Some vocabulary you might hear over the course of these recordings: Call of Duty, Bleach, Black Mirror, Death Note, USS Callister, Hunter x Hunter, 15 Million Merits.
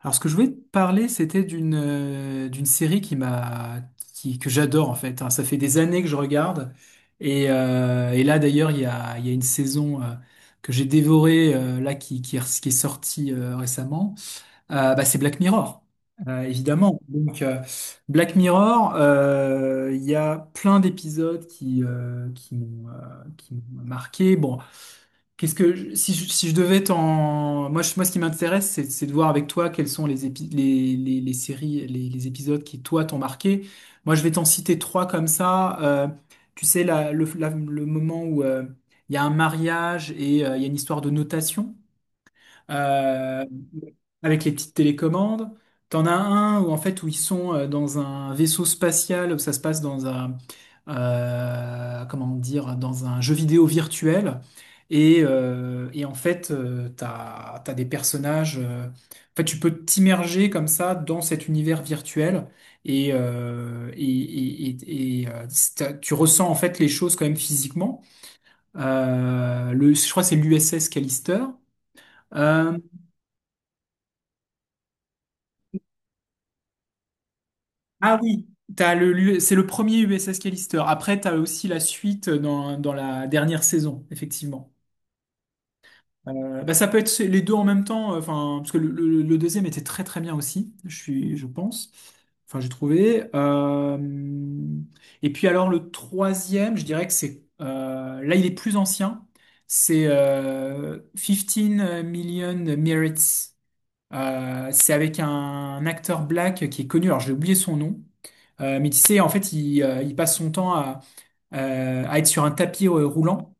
Alors, ce que je voulais te parler, c'était d'une d'une série que j'adore en fait, hein. Ça fait des années que je regarde et là d'ailleurs il y a une saison que j'ai dévorée là qui est sortie récemment. Bah, c'est Black Mirror. Évidemment. Donc. Black Mirror, il y a plein d'épisodes qui m'ont marqué. Bon. Si je, si je devais t'en moi je- Moi, ce qui m'intéresse, c'est de voir avec toi quelles sont les séries, les épisodes qui toi t'ont marqué. Moi, je vais t'en citer trois comme ça. Tu sais, le moment où il y a un mariage et il y a une histoire de notation euh, avec les petites télécommandes. T'en as un où en fait où ils sont dans un vaisseau spatial, où ça se passe dans un jeu vidéo virtuel. En fait, t'as des personnages. En fait, tu peux t'immerger comme ça dans cet univers virtuel et tu ressens en fait les choses quand même physiquement. Je crois que c'est l'USS Callister. Euh, Ah oui, c'est le premier USS Callister. Après, t'as aussi la suite dans la dernière saison, effectivement. Bah, ça peut être les deux en même temps, enfin, parce que le deuxième était très très bien aussi, je pense. Enfin, j'ai trouvé. Et puis alors le troisième, je dirais que c'est, là il est plus ancien. C'est 15 Million Merits. C'est avec un acteur black qui est connu, alors j'ai oublié son nom. Mais tu sais, en fait, il passe son temps à être sur un tapis roulant.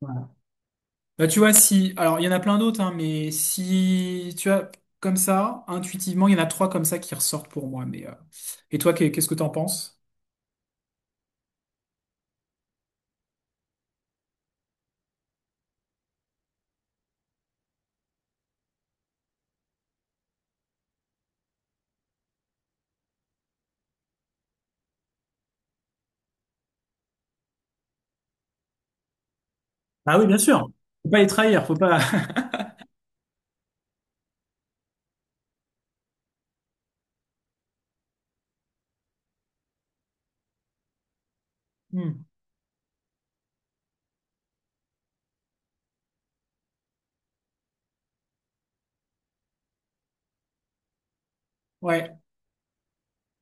Voilà. Bah, tu vois, si, alors il y en a plein d'autres, hein, mais si, tu vois, comme ça, intuitivement, il y en a trois comme ça qui ressortent pour moi. Mais, et toi, qu'est-ce que t'en penses? Ah oui, bien sûr. Faut pas les trahir, faut pas. Hmm. Ouais.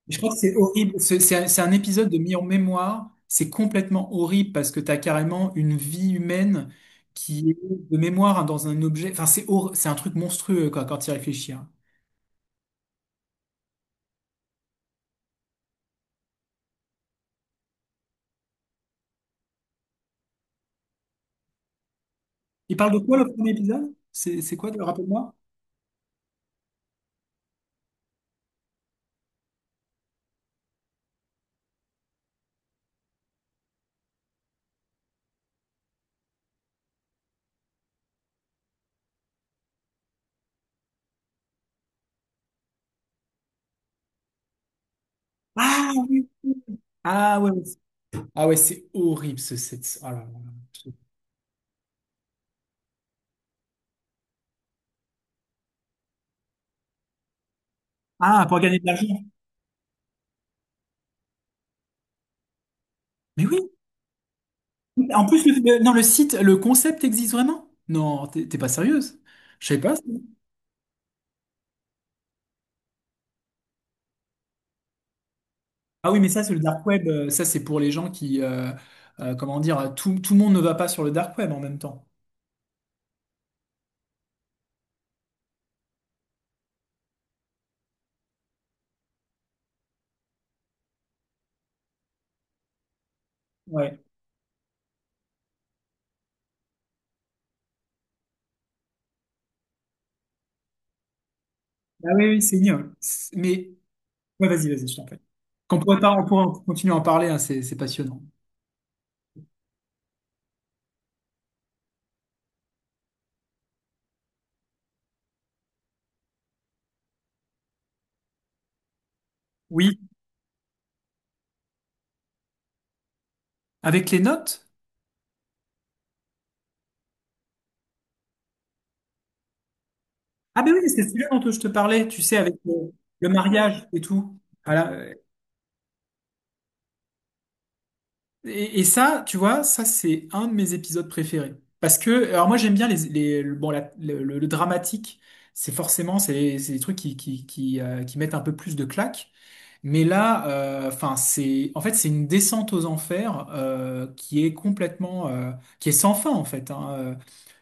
Je crois que c'est horrible. C'est un épisode de mis en mémoire. C'est complètement horrible parce que tu as carrément une vie humaine qui est de mémoire, hein, dans un objet. Enfin, c'est un truc monstrueux, quoi, quand tu y réfléchis, hein. Il parle de quoi, le premier épisode? C'est quoi, rappelle-moi? Ah oui! Ah ouais, ouais. Ah ouais, c'est horrible ce site. Oh là là. Ah, pour gagner de l'argent. Mais oui. En plus, non, le site, le concept existe vraiment? Non, t'es pas sérieuse. Je sais pas. Ah oui, mais ça, c'est le dark web. Ça, c'est pour les gens qui, comment dire, tout le monde ne va pas sur le dark web en même temps. Ouais. Ah oui, oui, c'est mieux. Mais ouais, vas-y, vas-y, je t'en prie. Qu'on pourrait pas, on pourrait continuer à en parler, hein. C'est passionnant. Oui. Avec les notes? Ah ben oui, c'est celui dont je te parlais. Tu sais, avec le mariage et tout. Voilà. Et ça, tu vois, ça c'est un de mes épisodes préférés. Parce que, alors moi j'aime bien le dramatique, c'est forcément, c'est des trucs qui mettent un peu plus de claque. Mais là, enfin, en fait, c'est une descente aux enfers qui est complètement, qui est sans fin en fait, hein.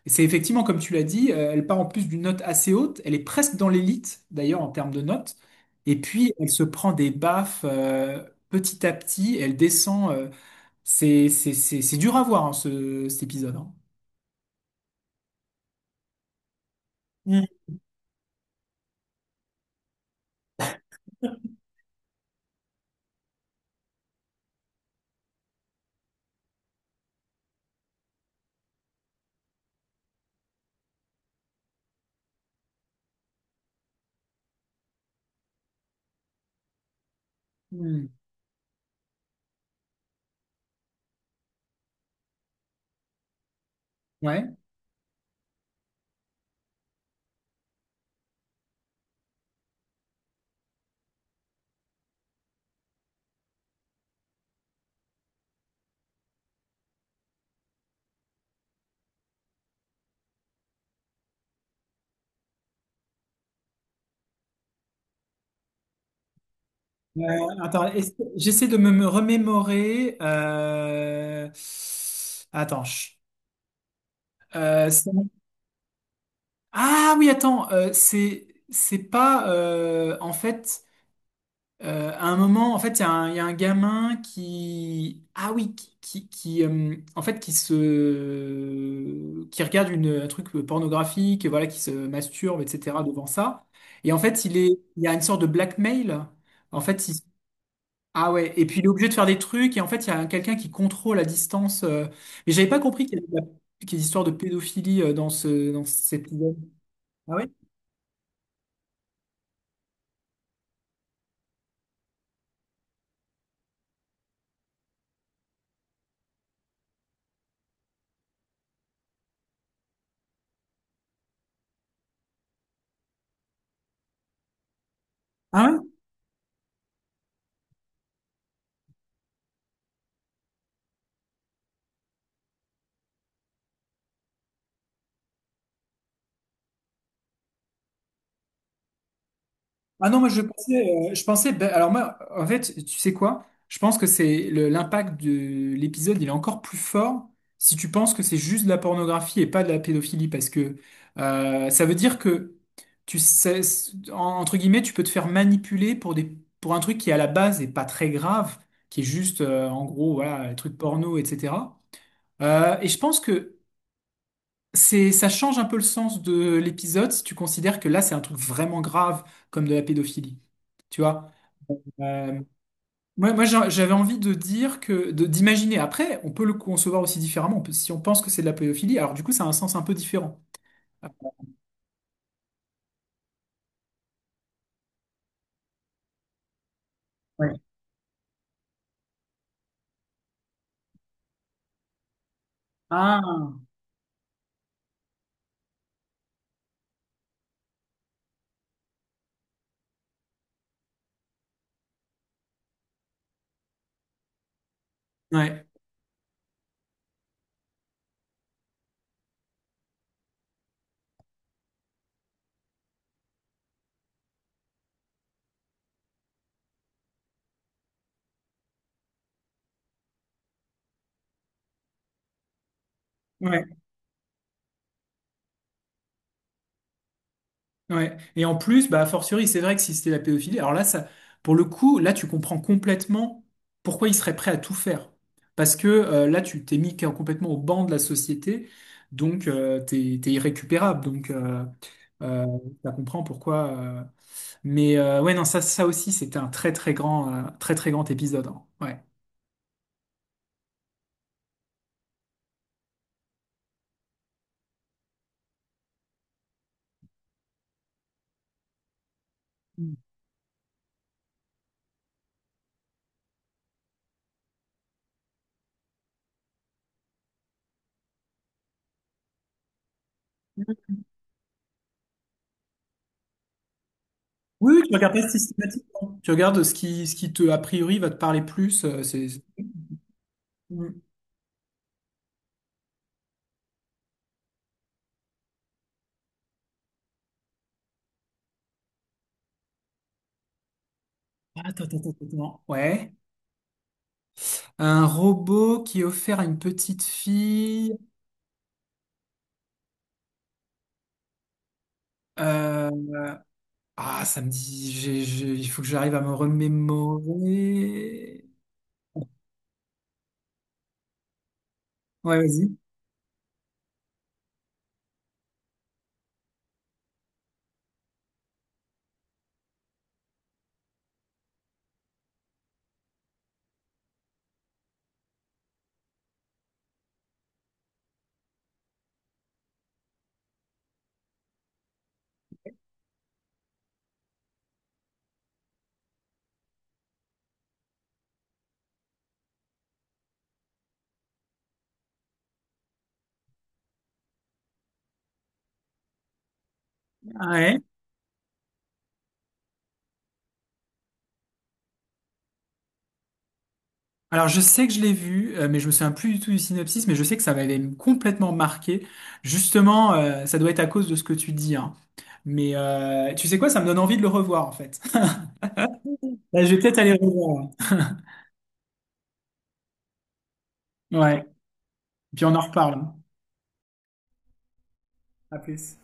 Et c'est effectivement, comme tu l'as dit, elle part en plus d'une note assez haute. Elle est presque dans l'élite d'ailleurs en termes de notes. Et puis elle se prend des baffes petit à petit. Elle descend. C'est dur à voir, hein, cet épisode, hein. Mm. Hmm. Ouais. Euh, Attends, j'essaie de me remémorer. Attends. Euh, c'est- Ah oui, attends. C'est pas en fait. À un moment, en fait, il y a un gamin en fait, qui regarde un truc pornographique, voilà, qui se masturbe, etc. devant ça. Et en fait, il y a une sorte de blackmail. En fait, il- ah ouais. Et puis il est obligé de faire des trucs. Et en fait, il y a quelqu'un qui contrôle à distance. Mais j'avais pas compris qu'il y ait des histoires de pédophilie dans dans cet épisode. Ah ouais? Ah non, moi je pensais, ben, alors moi, en fait, tu sais quoi? Je pense que c'est l'impact de l'épisode, il est encore plus fort si tu penses que c'est juste de la pornographie et pas de la pédophilie, parce que ça veut dire que, tu sais, entre guillemets, tu peux te faire manipuler pour pour un truc qui à la base est pas très grave, qui est juste, en gros, voilà, les trucs porno, etc. Et je pense que ça change un peu le sens de l'épisode si tu considères que là, c'est un truc vraiment grave comme de la pédophilie. Tu vois? Euh, Moi, j'avais envie de dire que, d'imaginer. Après, on peut le concevoir aussi différemment. Si on pense que c'est de la pédophilie, alors du coup, ça a un sens un peu différent. Ouais. Ah, ouais. Ouais. Ouais. Et en plus, bah, a fortiori, c'est vrai que si c'était la pédophilie, alors là, ça, pour le coup, là, tu comprends complètement pourquoi il serait prêt à tout faire. Parce que là, tu t'es mis complètement au banc de la société, donc t'es irrécupérable. Donc, euh, ça comprend pourquoi. Mais ouais, non, ça aussi, c'était un très, très grand épisode, hein. Ouais. Mm. Oui, oui, tu regardes pas systématiquement. Tu regardes ce qui te, a priori, va te parler plus. Mm. Attends, attends, attends, attends. Ouais. Un robot qui est offert à une petite fille. euh, Ah, ça me dit. Il faut que j'arrive à me remémorer. Ouais, vas-y. Ouais. Alors, je sais que je l'ai vu, mais je me souviens plus du tout du synopsis, mais je sais que ça m'avait complètement marqué. Justement, ça doit être à cause de ce que tu dis, hein. Mais tu sais quoi, ça me donne envie de le revoir, en fait. Là, je vais peut-être aller le revoir. Ouais. Puis on en reparle. À plus.